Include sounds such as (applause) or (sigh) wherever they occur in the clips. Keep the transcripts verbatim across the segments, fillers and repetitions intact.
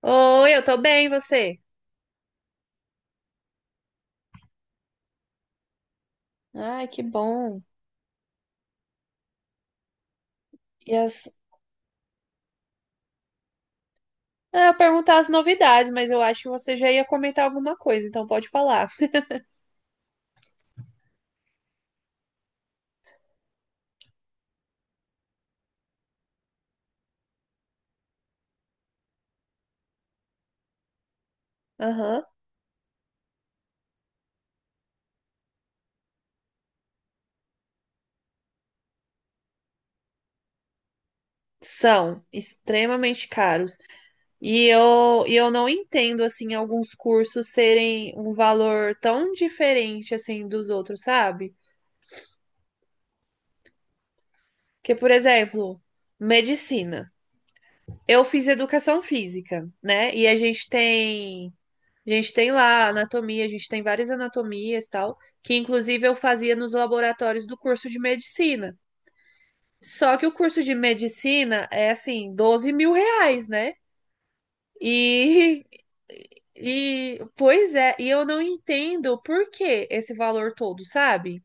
Oi, eu tô bem, e você? Ai, que bom. E as... Ah, eu ia perguntar as novidades, mas eu acho que você já ia comentar alguma coisa, então pode falar. Aham. São extremamente caros. E eu, e eu não entendo, assim, alguns cursos serem um valor tão diferente, assim, dos outros, sabe? Que, por exemplo, medicina. Eu fiz educação física, né? E a gente tem. A gente tem lá anatomia, a gente tem várias anatomias e tal, que inclusive eu fazia nos laboratórios do curso de medicina. Só que o curso de medicina é assim, doze mil reais, né? E, (laughs) e pois é, e eu não entendo por que esse valor todo, sabe?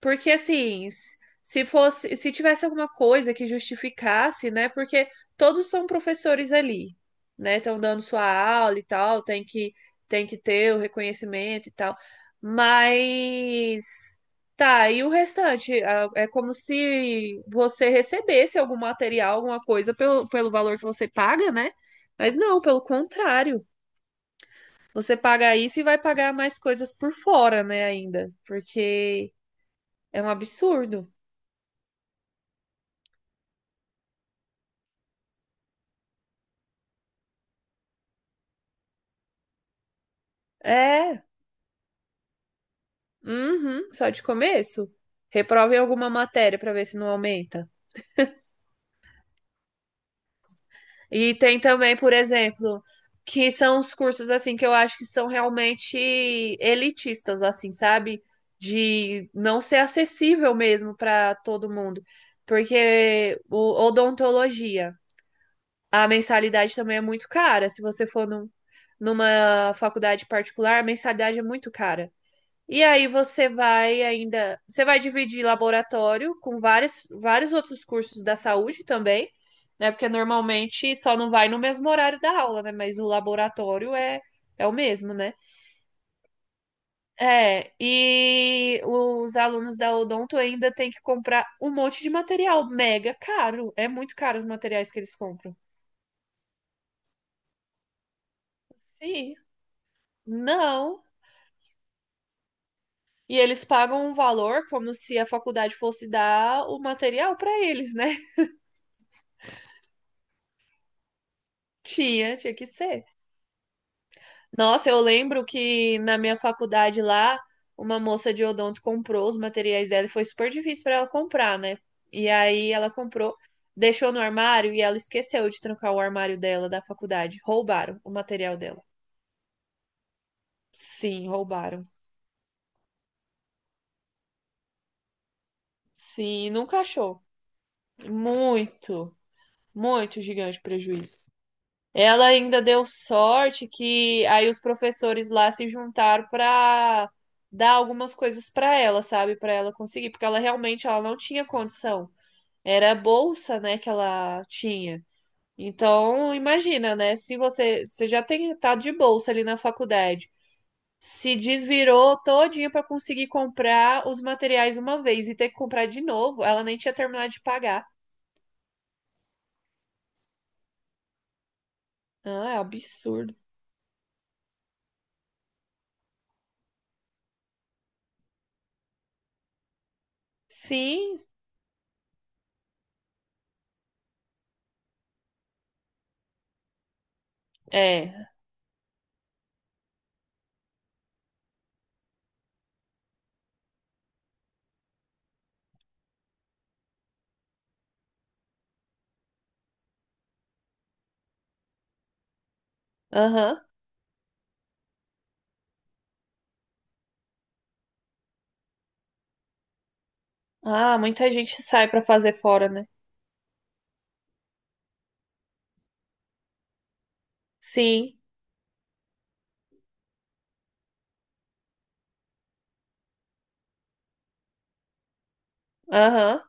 Porque assim, s- se fosse, se tivesse alguma coisa que justificasse, né? Porque todos são professores ali, né? Estão dando sua aula e tal, tem que tem que ter o reconhecimento e tal. Mas tá, e o restante? Ah, é como se você recebesse algum material, alguma coisa pelo, pelo valor que você paga, né? Mas não, pelo contrário. Você paga isso e vai pagar mais coisas por fora, né, ainda. Porque é um absurdo. É, uhum, só de começo. Reprova em alguma matéria para ver se não aumenta. E tem também, por exemplo, que são os cursos assim que eu acho que são realmente elitistas, assim, sabe? De não ser acessível mesmo para todo mundo. Porque o odontologia, a mensalidade também é muito cara. Se você for num, numa faculdade particular, a mensalidade é muito cara. E aí você vai ainda, você vai dividir laboratório com vários, vários outros cursos da saúde também, né? Porque normalmente só não vai no mesmo horário da aula, né? Mas o laboratório é, é o mesmo, né? É, e os alunos da Odonto ainda têm que comprar um monte de material mega caro. É muito caro os materiais que eles compram. Sim, não. E eles pagam um valor como se a faculdade fosse dar o material para eles, né? (laughs) Tinha, tinha que ser. Nossa, eu lembro que na minha faculdade lá, uma moça de odonto comprou os materiais dela e foi super difícil para ela comprar, né? E aí ela comprou, deixou no armário e ela esqueceu de trancar o armário dela da faculdade. Roubaram o material dela. Sim, roubaram. Sim, nunca achou. Muito, muito gigante prejuízo. Ela ainda deu sorte que aí os professores lá se juntaram para dar algumas coisas para ela, sabe? Para ela conseguir, porque ela realmente ela não tinha condição. Era a bolsa, né, que ela tinha. Então, imagina, né? Se você, você já tem tá de bolsa ali na faculdade, se desvirou todinha para conseguir comprar os materiais uma vez e ter que comprar de novo, ela nem tinha terminado de pagar. Ah, é um absurdo. Sim, é. Aham. Ah, muita gente sai pra fazer fora, né? Sim. Aham.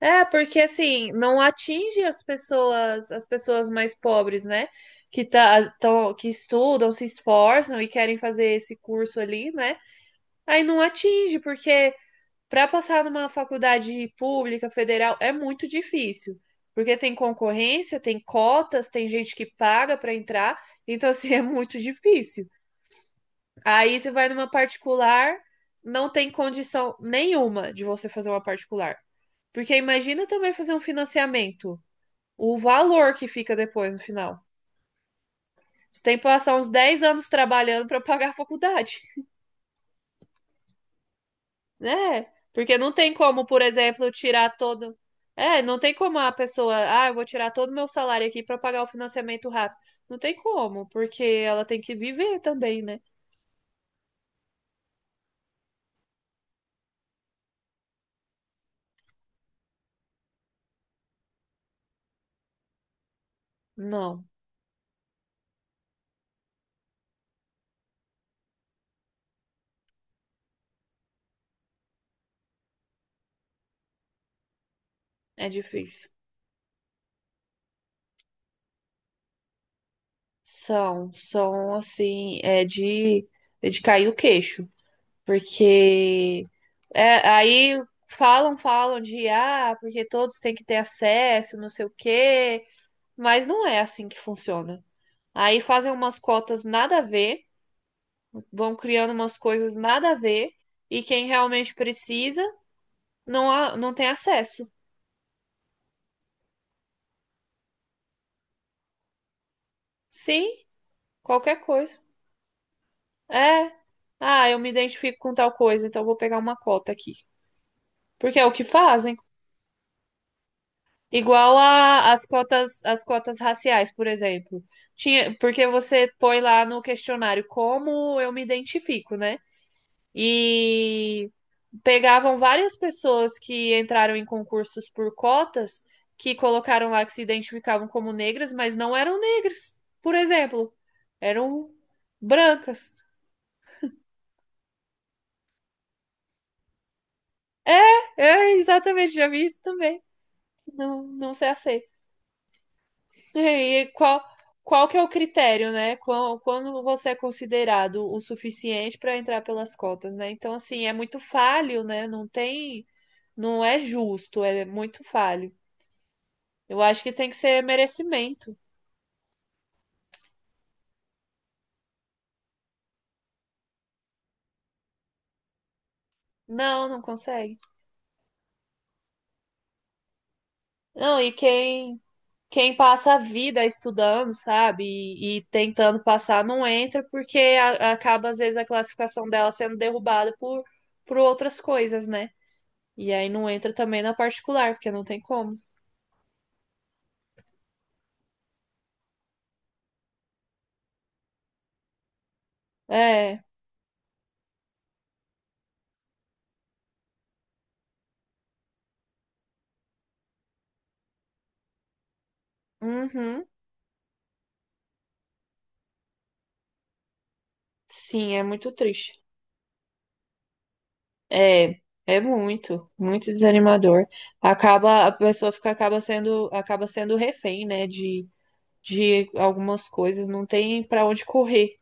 É, porque assim, não atinge as pessoas, as pessoas mais pobres, né? Que tá, tão, que estudam, se esforçam e querem fazer esse curso ali, né? Aí não atinge, porque para passar numa faculdade pública, federal, é muito difícil. Porque tem concorrência, tem cotas, tem gente que paga para entrar, então assim, (laughs) é muito difícil. Aí você vai numa particular, não tem condição nenhuma de você fazer uma particular. Porque imagina também fazer um financiamento. O valor que fica depois no final. Você tem que passar uns dez anos trabalhando para pagar a faculdade, né? Porque não tem como, por exemplo, tirar todo. É, não tem como a pessoa, ah, eu vou tirar todo o meu salário aqui para pagar o financiamento rápido. Não tem como, porque ela tem que viver também, né? Não, é difícil. São, são assim, é de, é de cair o queixo, porque é, aí falam, falam de ah, porque todos têm que ter acesso, não sei o quê, mas não é assim que funciona. Aí fazem umas cotas nada a ver, vão criando umas coisas nada a ver, e quem realmente precisa não, a- não tem acesso. Sim, qualquer coisa. É, ah, eu me identifico com tal coisa, então eu vou pegar uma cota aqui. Porque é o que fazem. Igual a, as cotas, as cotas raciais, por exemplo. Tinha, porque você põe lá no questionário como eu me identifico, né? E pegavam várias pessoas que entraram em concursos por cotas, que colocaram lá que se identificavam como negras, mas não eram negras, por exemplo. Eram brancas. É, é, exatamente, já vi isso também. Não, não se aceita. É, e qual, qual que é o critério, né? Quando, quando você é considerado o suficiente para entrar pelas cotas, né? Então, assim, é muito falho, né? Não tem, não é justo, é muito falho. Eu acho que tem que ser merecimento. Não, não consegue. Não, e quem quem passa a vida estudando, sabe? E, e tentando passar, não entra porque a- acaba às vezes a classificação dela sendo derrubada por por outras coisas, né? E aí não entra também na particular, porque não tem como. É, uhum, sim, é muito triste. É, é muito, muito desanimador. Acaba, a pessoa fica, acaba sendo, acaba sendo refém, né, de, de algumas coisas, não tem pra onde correr.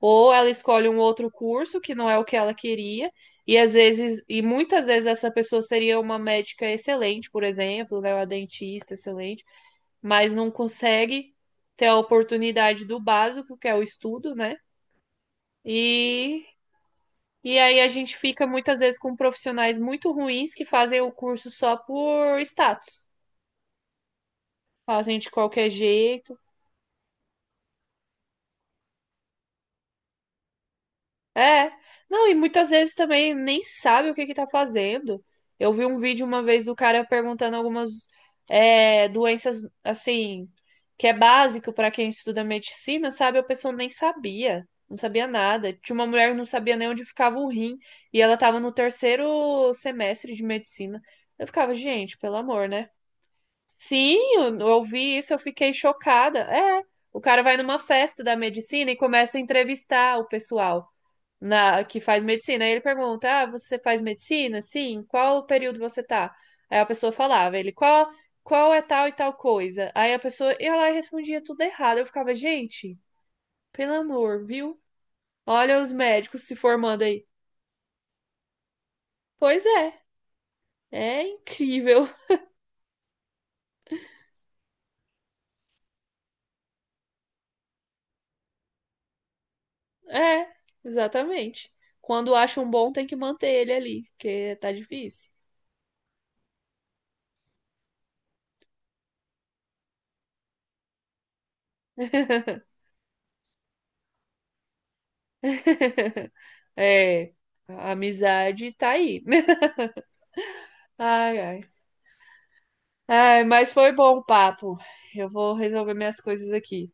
Ou ela escolhe um outro curso que não é o que ela queria, e às vezes, e muitas vezes essa pessoa seria uma médica excelente, por exemplo, né, uma dentista excelente, mas não consegue ter a oportunidade do básico, que é o estudo, né? E E aí a gente fica muitas vezes com profissionais muito ruins que fazem o curso só por status. Fazem de qualquer jeito. É. Não, e muitas vezes também nem sabe o que que tá fazendo. Eu vi um vídeo uma vez do cara perguntando algumas é, doenças, assim, que é básico para quem estuda medicina, sabe? A pessoa nem sabia. Não sabia nada. Tinha uma mulher que não sabia nem onde ficava o rim. E ela tava no terceiro semestre de medicina. Eu ficava, gente, pelo amor, né? Sim, eu, eu ouvi isso, eu fiquei chocada. É, o cara vai numa festa da medicina e começa a entrevistar o pessoal na que faz medicina. Aí ele pergunta: "Ah, você faz medicina? Sim, qual período você tá?" Aí a pessoa falava, ele, qual, qual é tal e tal coisa? Aí a pessoa ia lá e respondia tudo errado. Eu ficava, gente, pelo amor, viu? Olha os médicos se formando aí. Pois é, é incrível. É, exatamente. Quando acha um bom, tem que manter ele ali, porque tá difícil. (laughs) É, a amizade tá aí. (laughs) Ai, ai. Ai, mas foi bom o papo. Eu vou resolver minhas coisas aqui.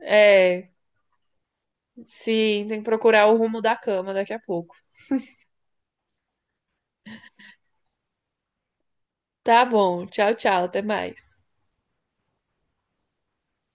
É, sim, tem que procurar o rumo da cama daqui a pouco. Tá bom, tchau, tchau, até mais.